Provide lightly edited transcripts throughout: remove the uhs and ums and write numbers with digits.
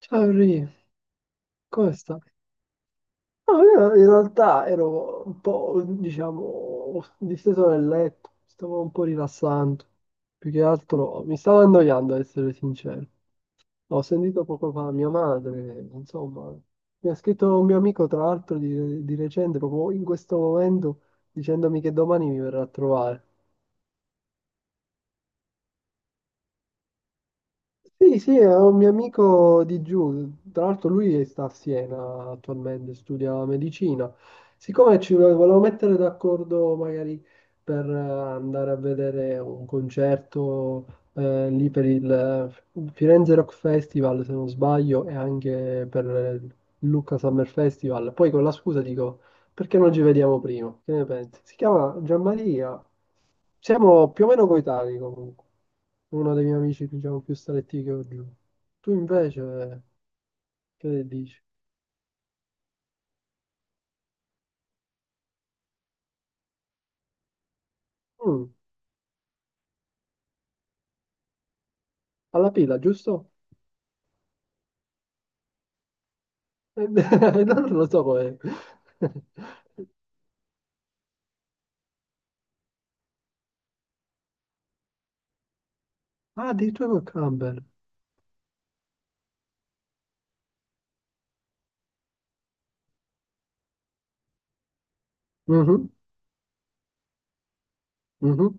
Ciao Ri, come stai? No, io in realtà ero un po', diciamo, disteso nel letto, stavo un po' rilassando. Più che altro mi stavo annoiando, ad essere sincero. Ho sentito poco fa mia madre, insomma, mi ha scritto un mio amico, tra l'altro, di recente, proprio in questo momento, dicendomi che domani mi verrà a trovare. Sì, sì, è un mio amico di giù, tra l'altro lui sta a Siena attualmente, studia medicina. Siccome volevo mettere d'accordo magari per andare a vedere un concerto lì per il Firenze Rock Festival, se non sbaglio, e anche per il Lucca Summer Festival, poi con la scusa dico, perché non ci vediamo prima? Che ne pensi? Si chiama Gianmaria. Siamo più o meno coetanei comunque. Uno dei miei amici, diciamo, più stretti che ho giù. Tu invece, che ne dici? Mm, alla pila, giusto? Non lo so com'è. Ah, addirittura col camper. Mhm, mhm.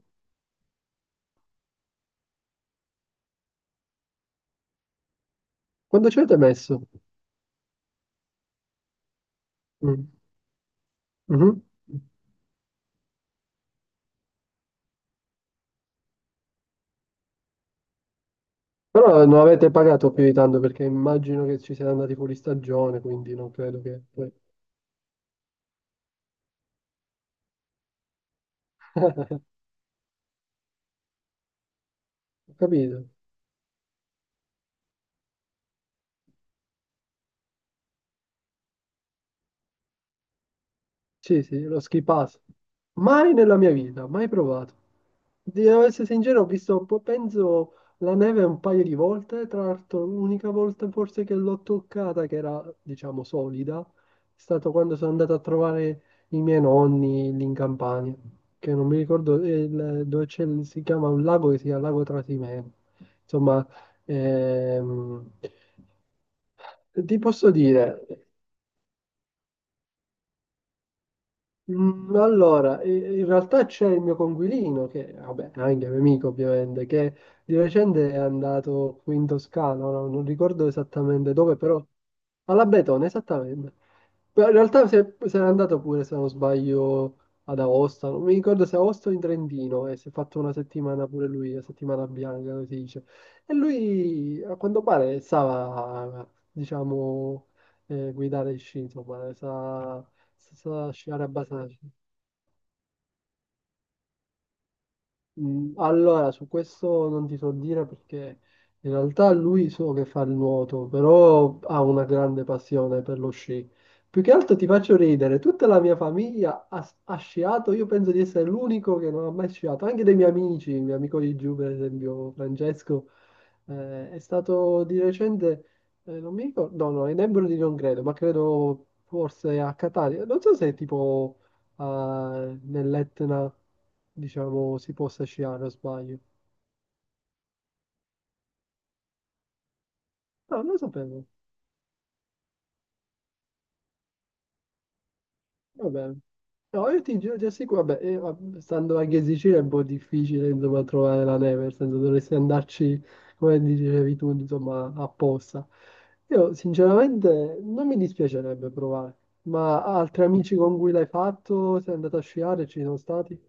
Quanto ci avete messo? Mm, mhm. Però non avete pagato più di tanto perché immagino che ci siete andati fuori stagione, quindi non credo che... Ho capito. Sì, sì, lo ski pass. Mai nella mia vita, mai provato. Devo essere sincero, ho visto, penso, la neve un paio di volte, tra l'altro l'unica volta forse che l'ho toccata, che era, diciamo, solida, è stato quando sono andato a trovare i miei nonni lì in Campania, che non mi ricordo dove c'è, si chiama un lago che si chiama Lago Trasimeno. Insomma, ehm, ti posso dire... Mm, Allora, in realtà c'è il mio coinquilino, che vabbè, è anche mio amico ovviamente, che di recente è andato qui in Toscana, ora non ricordo esattamente dove, però alla Betone, esattamente. Però in realtà se n'è andato pure, se non sbaglio, ad Aosta, non mi ricordo se Aosta o in Trentino, e si è fatto una settimana pure lui, la settimana bianca, come si dice. E lui, a quanto pare, stava, diciamo, guidare sci, insomma, sa sì sì alla bassa. Mm, Allora, su questo non ti so dire perché in realtà lui so che fa il nuoto, però ha una grande passione per lo sci. Più che altro ti faccio ridere, tutta la mia famiglia ha sciato, io penso di essere l'unico che non ha mai sciato, anche dei miei amici, il mio amico di giù, per esempio Francesco, è stato di recente, non mi ricordo, no, no, in Embro non credo, ma credo forse a Catania, non so se tipo nell'Etna diciamo, si possa sciare, o sbaglio. No, non lo sapevo. Vabbè. No, io ti giuro, ti assicuro, vabbè, stando anche in Sicilia è un po' difficile, insomma, trovare la neve, nel senso dovresti andarci, come dicevi tu, insomma, apposta. Io, sinceramente, non mi dispiacerebbe provare, ma altri amici con cui l'hai fatto, sei andato a sciare, ci sono stati?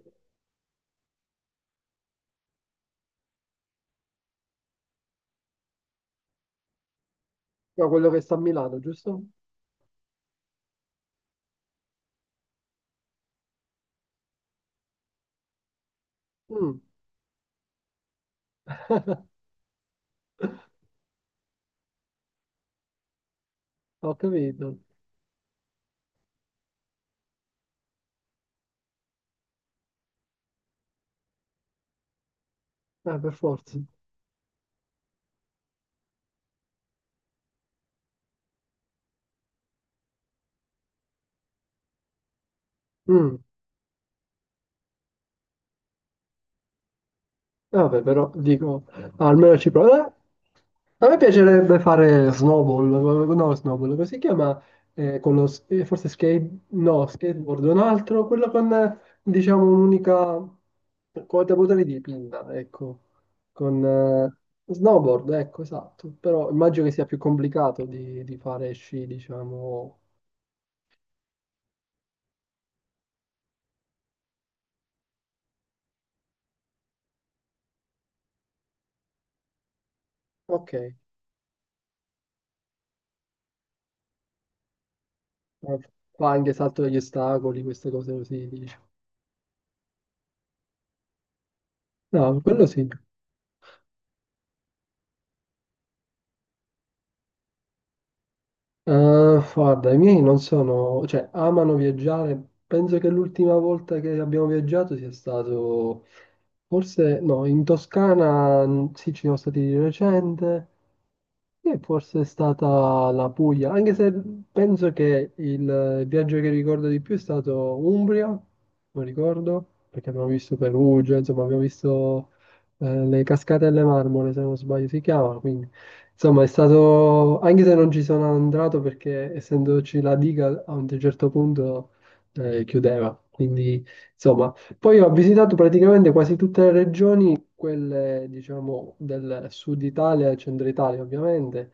No, quello che sta a Milano, giusto? Mm. Ho capito. Per forza. Mm. Vabbè, però dico, almeno ci provo. A me piacerebbe fare snowball, no, snowball, come si chiama? Con lo, forse skate, no, skateboard, un altro, quello con, diciamo, un'unica quota potere di pinna, ecco, con snowboard, ecco, esatto, però immagino che sia più complicato di fare sci, diciamo, ok. Fa anche salto degli ostacoli, queste cose così, diciamo. No, quello sì. Guarda, i miei non sono, cioè, amano viaggiare. Penso che l'ultima volta che abbiamo viaggiato sia stato, forse, no, in Toscana, mm, sì, ci siamo stati di recente. Sì, forse è stata la Puglia, anche se penso che il viaggio che ricordo di più è stato Umbria, non ricordo, perché abbiamo visto Perugia, insomma abbiamo visto le cascate alle marmore, se non sbaglio si chiama, quindi insomma è stato, anche se non ci sono andato perché essendoci la diga a un certo punto chiudeva, quindi insomma poi ho visitato praticamente quasi tutte le regioni quelle diciamo del sud Italia e centro Italia ovviamente.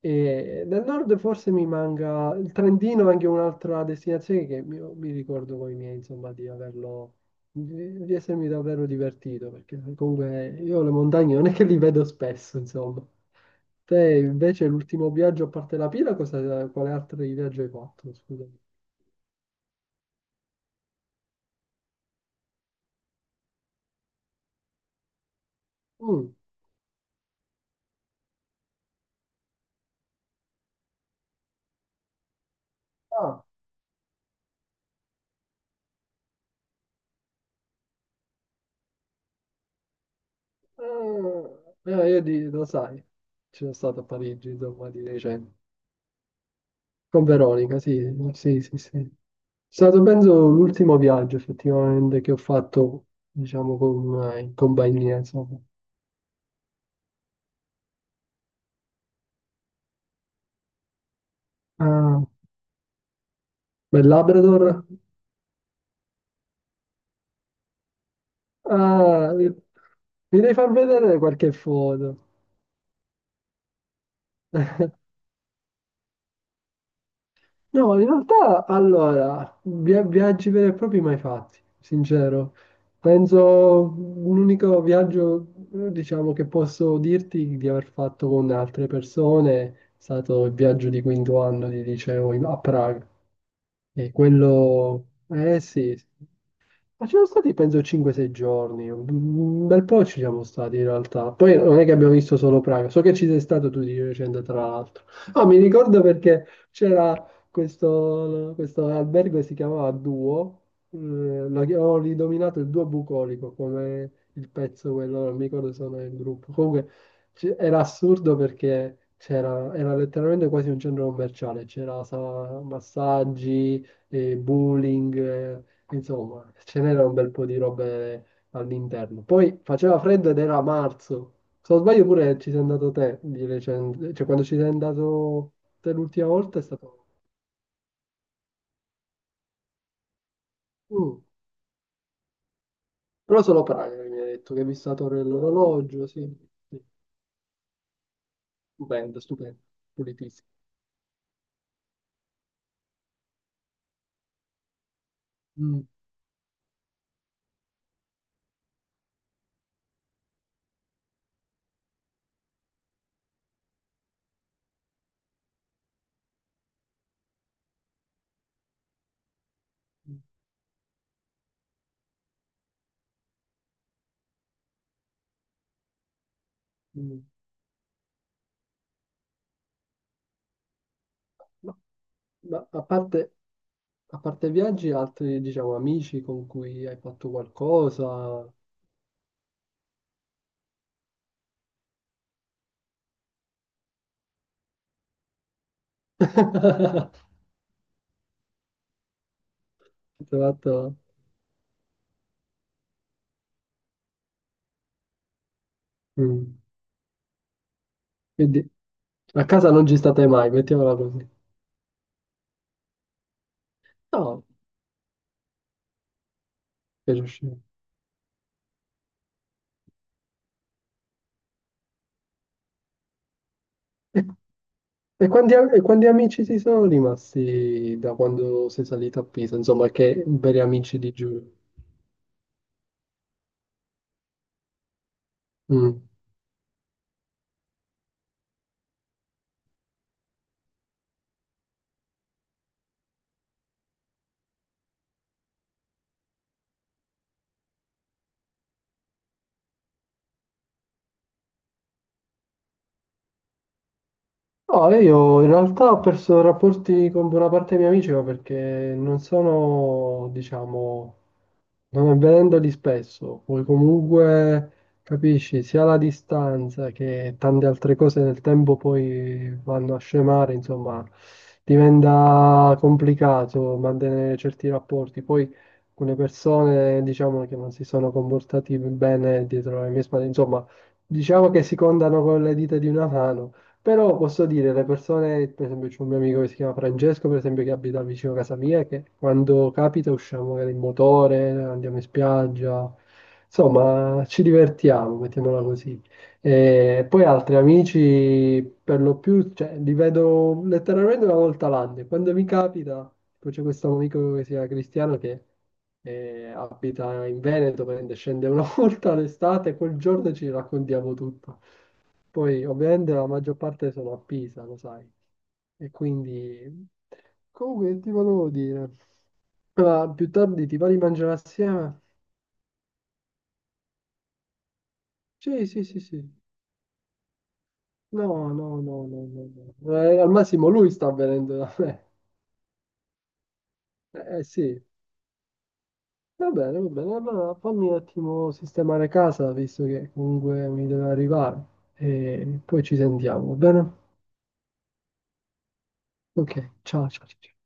E del nord forse mi manca il Trentino, è anche un'altra destinazione che mi ricordo con i miei, insomma, di averlo, di essermi davvero divertito, perché comunque io le montagne non è che li vedo spesso, insomma. Te invece l'ultimo viaggio a parte la Pila, cosa, quale altro viaggio hai fatto? Scusami. Mm, Ah, io lo sai, ci sono stato a Parigi, insomma, di recente. Con Veronica, sì, sì, sì, sì. È stato penso l'ultimo viaggio effettivamente che ho fatto, diciamo, con, in compagnia, insomma. Ah, bel Labrador. Ah, mi devi far vedere qualche foto. No, in realtà, allora, viaggi veri e propri mai fatti, sincero. Penso l'unico viaggio, diciamo, che posso dirti di aver fatto con altre persone è stato il viaggio di quinto anno di liceo a Praga. E quello, eh sì, ma ci sono stati penso 5-6 giorni, un bel po' ci siamo stati in realtà. Poi non è che abbiamo visto solo Praga, so che ci sei stato tu di recente tra l'altro. Ah, mi ricordo perché c'era questo albergo che si chiamava Duo, eh, ho ridominato il Duo Bucolico come il pezzo quello, non mi ricordo se non è il gruppo. Comunque era assurdo perché c'era, era letteralmente quasi un centro commerciale, c'era massaggi e bowling, insomma, ce n'era un bel po' di robe all'interno. Poi faceva freddo ed era marzo. Se non sbaglio pure ci sei andato te di recente, cioè quando ci sei andato te l'ultima volta è stato... Mm. Però solo Praga che mi hai detto che hai visto la torre dell'orologio, sì. Sì. Stupendo, stupendo, pulitissimo. Mm, mm, mm. Ma, ma a parte, a parte viaggi, altri, diciamo, amici con cui hai fatto qualcosa? Hai fatto... Mm. Quindi a casa non ci state mai, mettiamola così. No, per uscire. E, e quanti, e quanti amici si sono rimasti da quando sei salito a Pisa? Insomma, che veri amici di giù. Mm. No, io in realtà ho perso rapporti con buona parte dei miei amici, ma perché non sono, diciamo. Non avendoli spesso, poi comunque capisci sia la distanza che tante altre cose nel tempo poi vanno a scemare, insomma, diventa complicato mantenere certi rapporti. Poi alcune persone diciamo che non si sono comportati bene dietro le mie spalle, insomma, diciamo che si contano con le dita di una mano però posso dire, le persone, per esempio c'è un mio amico che si chiama Francesco, per esempio, che abita vicino a casa mia, che quando capita usciamo magari in motore, andiamo in spiaggia, insomma ci divertiamo, mettiamola così. E poi altri amici, per lo più, cioè, li vedo letteralmente una volta l'anno. E quando mi capita, poi c'è questo amico che si chiama Cristiano che abita in Veneto, prende, scende una volta all'estate e quel giorno ci raccontiamo tutto. Poi ovviamente la maggior parte sono a Pisa, lo sai. E quindi... Comunque ti volevo dire... Ma più tardi ti va di mangiare assieme? Sì, sì, sì, sì. No, no, no, no, no, no. Al massimo lui sta venendo da me. Sì. Va bene, va bene. Allora fammi un attimo sistemare casa, visto che comunque mi deve arrivare. E poi ci sentiamo, va bene? Ok, ciao, ciao, ciao. Ciao.